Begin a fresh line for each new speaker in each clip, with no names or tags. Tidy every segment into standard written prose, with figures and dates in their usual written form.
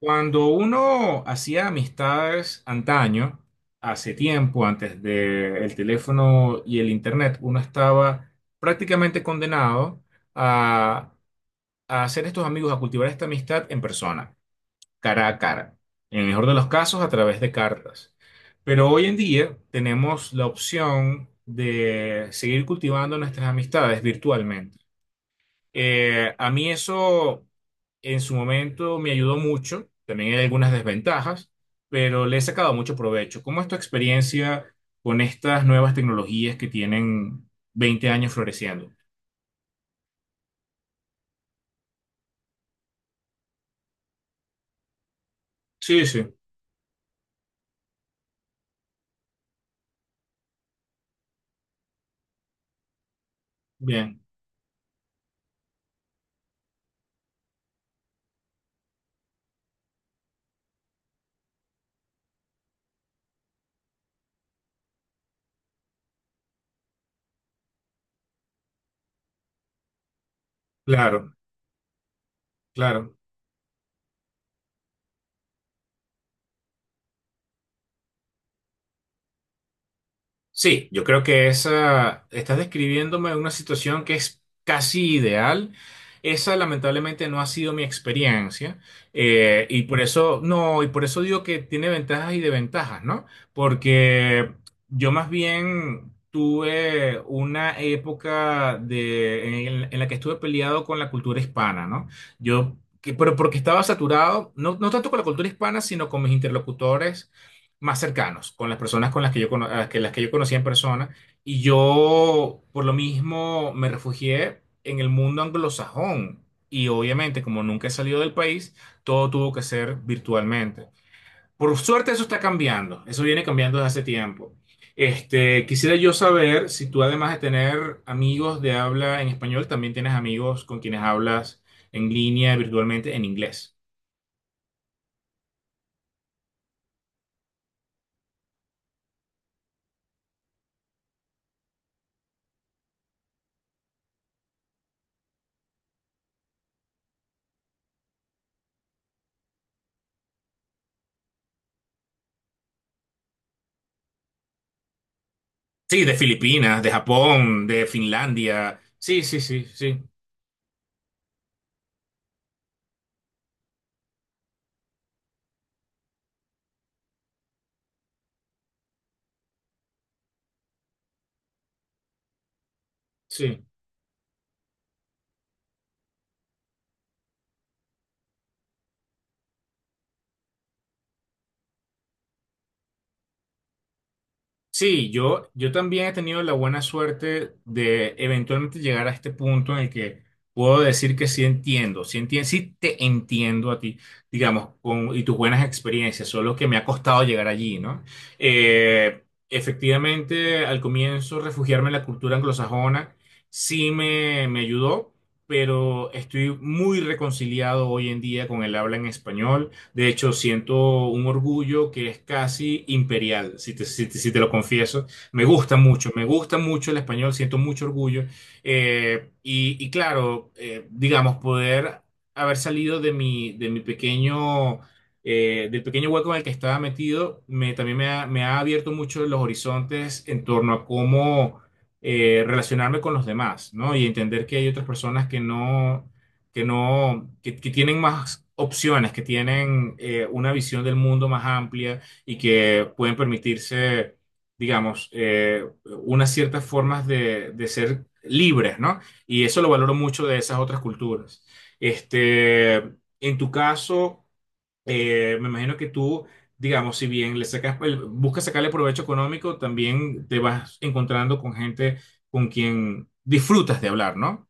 Cuando uno hacía amistades antaño, hace tiempo, antes del teléfono y el internet, uno estaba prácticamente condenado a, a hacer estos amigos, a cultivar esta amistad en persona, cara a cara. En el mejor de los casos, a través de cartas. Pero hoy en día tenemos la opción de seguir cultivando nuestras amistades virtualmente. A mí eso en su momento me ayudó mucho, también hay algunas desventajas, pero le he sacado mucho provecho. ¿Cómo es tu experiencia con estas nuevas tecnologías que tienen 20 años floreciendo? Sí, sí, bien, claro, claro. Sí, yo creo que esa, estás describiéndome una situación que es casi ideal. Esa lamentablemente no ha sido mi experiencia, y por eso, no, y por eso digo que tiene ventajas y desventajas, ¿no? Porque yo más bien tuve una época en la que estuve peleado con la cultura hispana, ¿no? Pero porque estaba saturado, no, no tanto con la cultura hispana, sino con mis interlocutores más cercanos, con las personas con las que yo, a las que yo conocía en persona. Y yo, por lo mismo, me refugié en el mundo anglosajón. Y obviamente, como nunca he salido del país, todo tuvo que ser virtualmente. Por suerte, eso está cambiando. Eso viene cambiando desde hace tiempo. Quisiera yo saber si tú, además de tener amigos de habla en español, también tienes amigos con quienes hablas en línea virtualmente en inglés. Sí, de Filipinas, de Japón, de Finlandia. Sí, sí, sí, sí, sí. Sí, yo también he tenido la buena suerte de eventualmente llegar a este punto en el que puedo decir que sí entiendo, sí entiendo, sí te entiendo a ti, digamos, y tus buenas experiencias, solo que me ha costado llegar allí, ¿no? Eh, Efectivamente, al comienzo refugiarme en la cultura anglosajona sí me ayudó, pero estoy muy reconciliado hoy en día con el habla en español. De hecho, siento un orgullo que es casi imperial, si te lo confieso. Me gusta mucho el español, siento mucho orgullo. Y claro, digamos, poder haber salido del pequeño hueco en el que estaba metido, también me ha abierto mucho los horizontes en torno a cómo relacionarme con los demás, ¿no? Y entender que hay otras personas que no que no, que tienen más opciones, que tienen una visión del mundo más amplia y que pueden permitirse, digamos, unas ciertas formas de ser libres, ¿no? Y eso lo valoro mucho de esas otras culturas. Este, en tu caso, me imagino que tú, digamos, si bien buscas sacarle provecho económico, también te vas encontrando con gente con quien disfrutas de hablar, ¿no?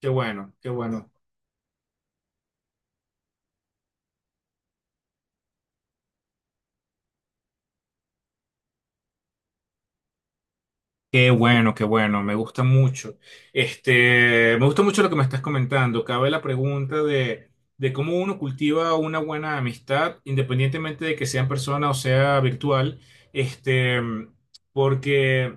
Qué bueno, qué bueno. Qué bueno, qué bueno, me gusta mucho. Me gusta mucho lo que me estás comentando. Cabe la pregunta de cómo uno cultiva una buena amistad, independientemente de que sea en persona o sea virtual. Este, Porque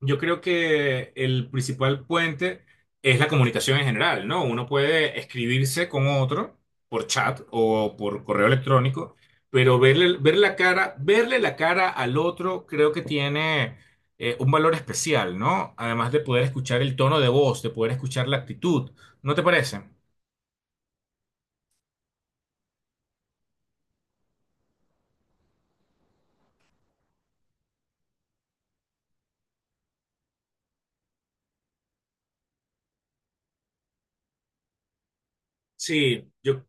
yo creo que el principal puente es la comunicación en general, ¿no? Uno puede escribirse con otro por chat o por correo electrónico, pero verle, ver la cara, verle la cara al otro creo que tiene un valor especial, ¿no? Además de poder escuchar el tono de voz, de poder escuchar la actitud, ¿no te parece? Sí, yo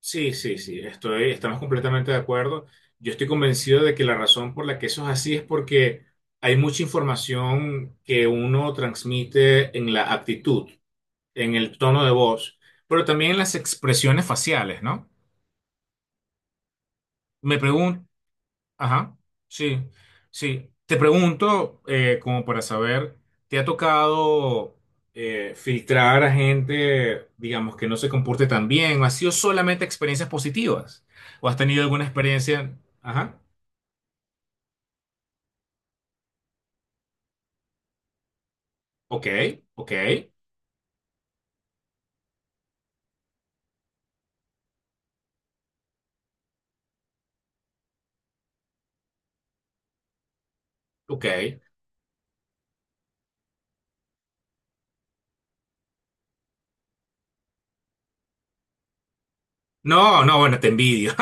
sí, sí, sí, estamos completamente de acuerdo. Yo estoy convencido de que la razón por la que eso es así es porque hay mucha información que uno transmite en la actitud, en el tono de voz, pero también en las expresiones faciales, ¿no? Me pregunto. Ajá, sí, sí. Te pregunto, como para saber, ¿te ha tocado filtrar a gente, digamos, que no se comporte tan bien? ¿O ha sido solamente experiencias positivas? ¿O has tenido alguna experiencia? Ajá, ok, ok, ok. No, no, bueno, te envidio.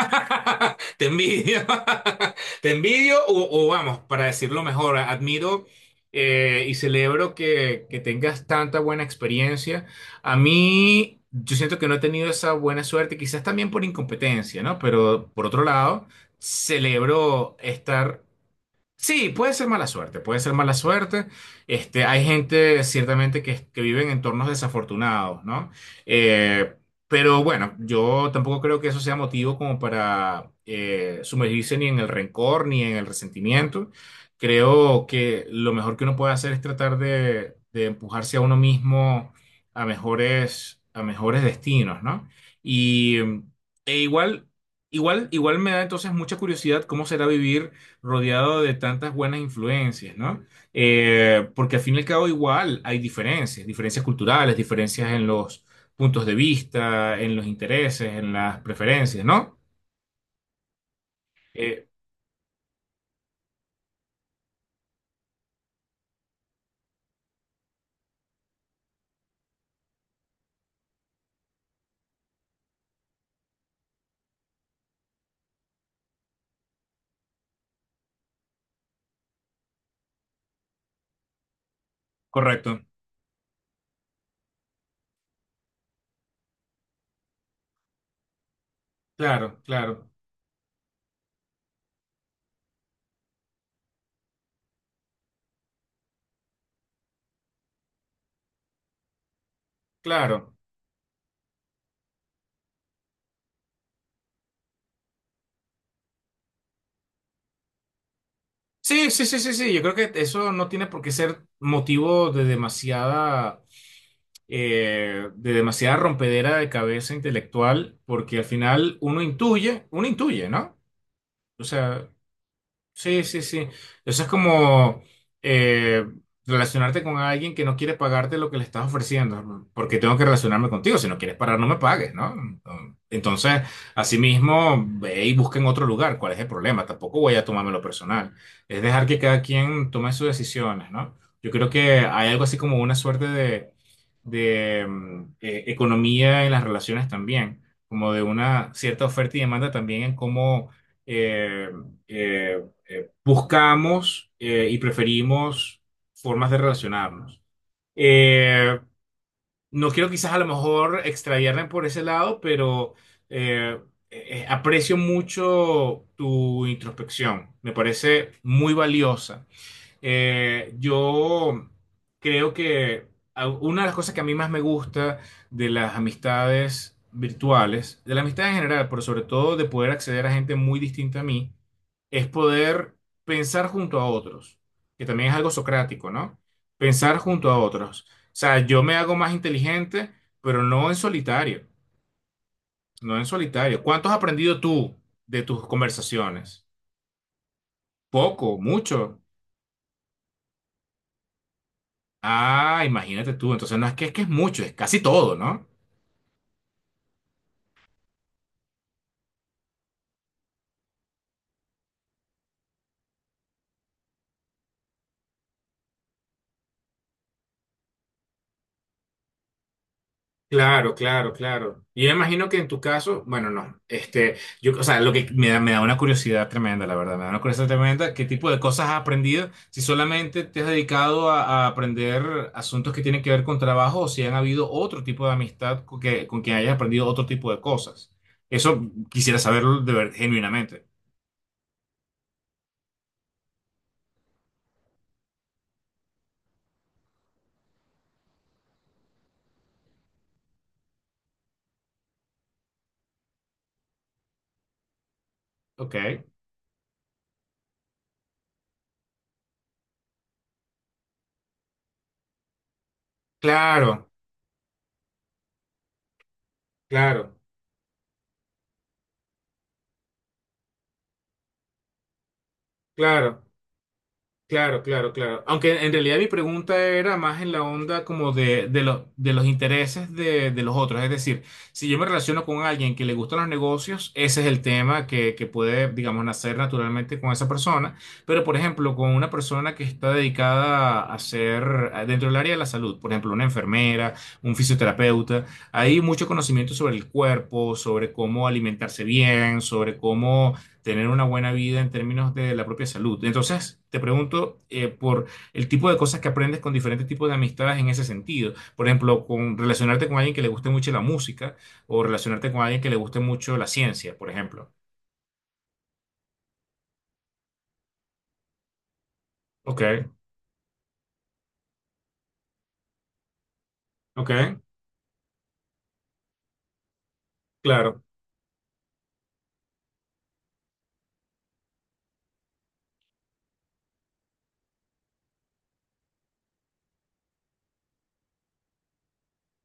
Te envidio. Te envidio o vamos, para decirlo mejor, admiro y celebro que tengas tanta buena experiencia. A mí, yo siento que no he tenido esa buena suerte, quizás también por incompetencia, ¿no? Pero por otro lado, celebro estar. Sí, puede ser mala suerte, puede ser mala suerte. Hay gente ciertamente que vive en entornos desafortunados, ¿no? Eh, pero bueno, yo tampoco creo que eso sea motivo como para sumergirse ni en el rencor ni en el resentimiento. Creo que lo mejor que uno puede hacer es tratar de empujarse a uno mismo a mejores destinos, ¿no? Y e igual, igual me da entonces mucha curiosidad cómo será vivir rodeado de tantas buenas influencias, ¿no? Porque al fin y al cabo igual hay diferencias, diferencias culturales, diferencias en los puntos de vista, en los intereses, en las preferencias, ¿no? Eh, correcto, claro, claro, claro. Sí, sí, sí, sí, sí, yo creo que eso no tiene por qué ser motivo de de demasiada rompedera de cabeza intelectual, porque al final uno intuye, ¿no? O sea, sí, sí, sí. Eso es como eh, relacionarte con alguien que no quiere pagarte lo que le estás ofreciendo, ¿no? Porque tengo que relacionarme contigo. Si no quieres parar, no me pagues, ¿no? Entonces, asimismo, ve y busca en otro lugar. ¿Cuál es el problema? Tampoco voy a tomármelo personal. Es dejar que cada quien tome sus decisiones, ¿no? Yo creo que hay algo así como una suerte de economía en las relaciones también, como de una cierta oferta y demanda también en cómo... eh, eh, buscamos y preferimos formas de relacionarnos. Eh, no quiero quizás a lo mejor extraviarme por ese lado, pero eh, aprecio mucho tu introspección. Me parece muy valiosa. Yo creo que una de las cosas que a mí más me gusta de las amistades virtuales, de la amistad en general, pero sobre todo de poder acceder a gente muy distinta a mí, es poder pensar junto a otros, que también es algo socrático, ¿no? Pensar junto a otros. O sea, yo me hago más inteligente, pero no en solitario, no en solitario. ¿Cuánto has aprendido tú de tus conversaciones? Poco, mucho. Ah, imagínate tú. Entonces no es que es mucho, es casi todo, ¿no? Claro, claro, claro. Y yo imagino que en tu caso, bueno, no, o sea, lo que me da una curiosidad tremenda, la verdad. Me da una curiosidad tremenda. ¿Qué tipo de cosas has aprendido? Si solamente te has dedicado a aprender asuntos que tienen que ver con trabajo o si han habido otro tipo de amistad con quien hayas aprendido otro tipo de cosas. Eso quisiera saberlo de ver, genuinamente. Ok. Claro, claro, claro. Claro, claro, claro. Aunque en realidad mi pregunta era más en la onda como los de los intereses de los otros. Es decir, si yo me relaciono con alguien que le gustan los negocios, ese es el tema que puede, digamos, nacer naturalmente con esa persona. Pero, por ejemplo, con una persona que está dedicada dentro del área de la salud, por ejemplo, una enfermera, un fisioterapeuta, hay mucho conocimiento sobre el cuerpo, sobre cómo alimentarse bien, sobre cómo tener una buena vida en términos de la propia salud. Entonces, te pregunto por el tipo de cosas que aprendes con diferentes tipos de amistades en ese sentido. Por ejemplo, con relacionarte con alguien que le guste mucho la música o relacionarte con alguien que le guste mucho la ciencia, por ejemplo. Ok, ok, claro.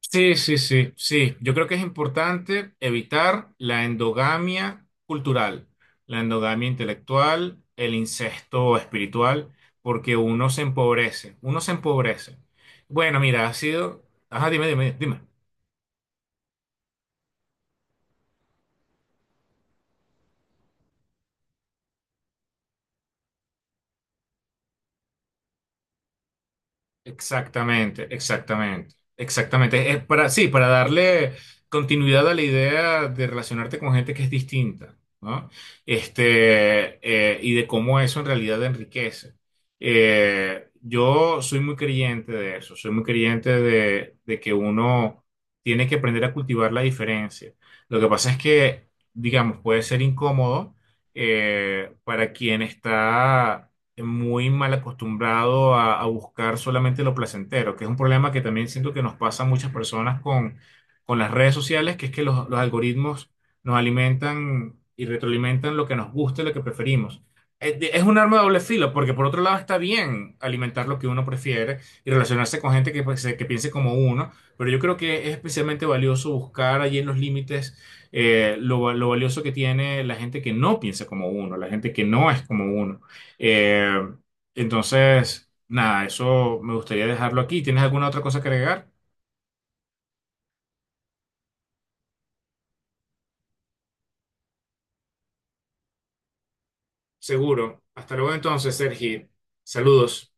Sí, sí, sí, sí. Yo creo que es importante evitar la endogamia cultural, la endogamia intelectual, el incesto espiritual, porque uno se empobrece, uno se empobrece. Bueno, mira, ha sido. Ajá, dime, dime, dime. Exactamente, exactamente, exactamente. Es para, sí, para darle continuidad a la idea de relacionarte con gente que es distinta, ¿no? Y de cómo eso en realidad enriquece. Yo soy muy creyente de eso, soy muy creyente de que uno tiene que aprender a cultivar la diferencia. Lo que pasa es que, digamos, puede ser incómodo para quien está muy mal acostumbrado a buscar solamente lo placentero, que es un problema que también siento que nos pasa a muchas personas con las redes sociales, que es que los algoritmos nos alimentan y retroalimentan lo que nos gusta y lo que preferimos. Es un arma de doble filo, porque por otro lado está bien alimentar lo que uno prefiere y relacionarse con gente que, pues, que piense como uno, pero yo creo que es especialmente valioso buscar allí en los límites lo valioso que tiene la gente que no piensa como uno, la gente que no es como uno. Eh, entonces, nada, eso me gustaría dejarlo aquí. ¿Tienes alguna otra cosa que agregar? Seguro. Hasta luego entonces, Sergi. Saludos.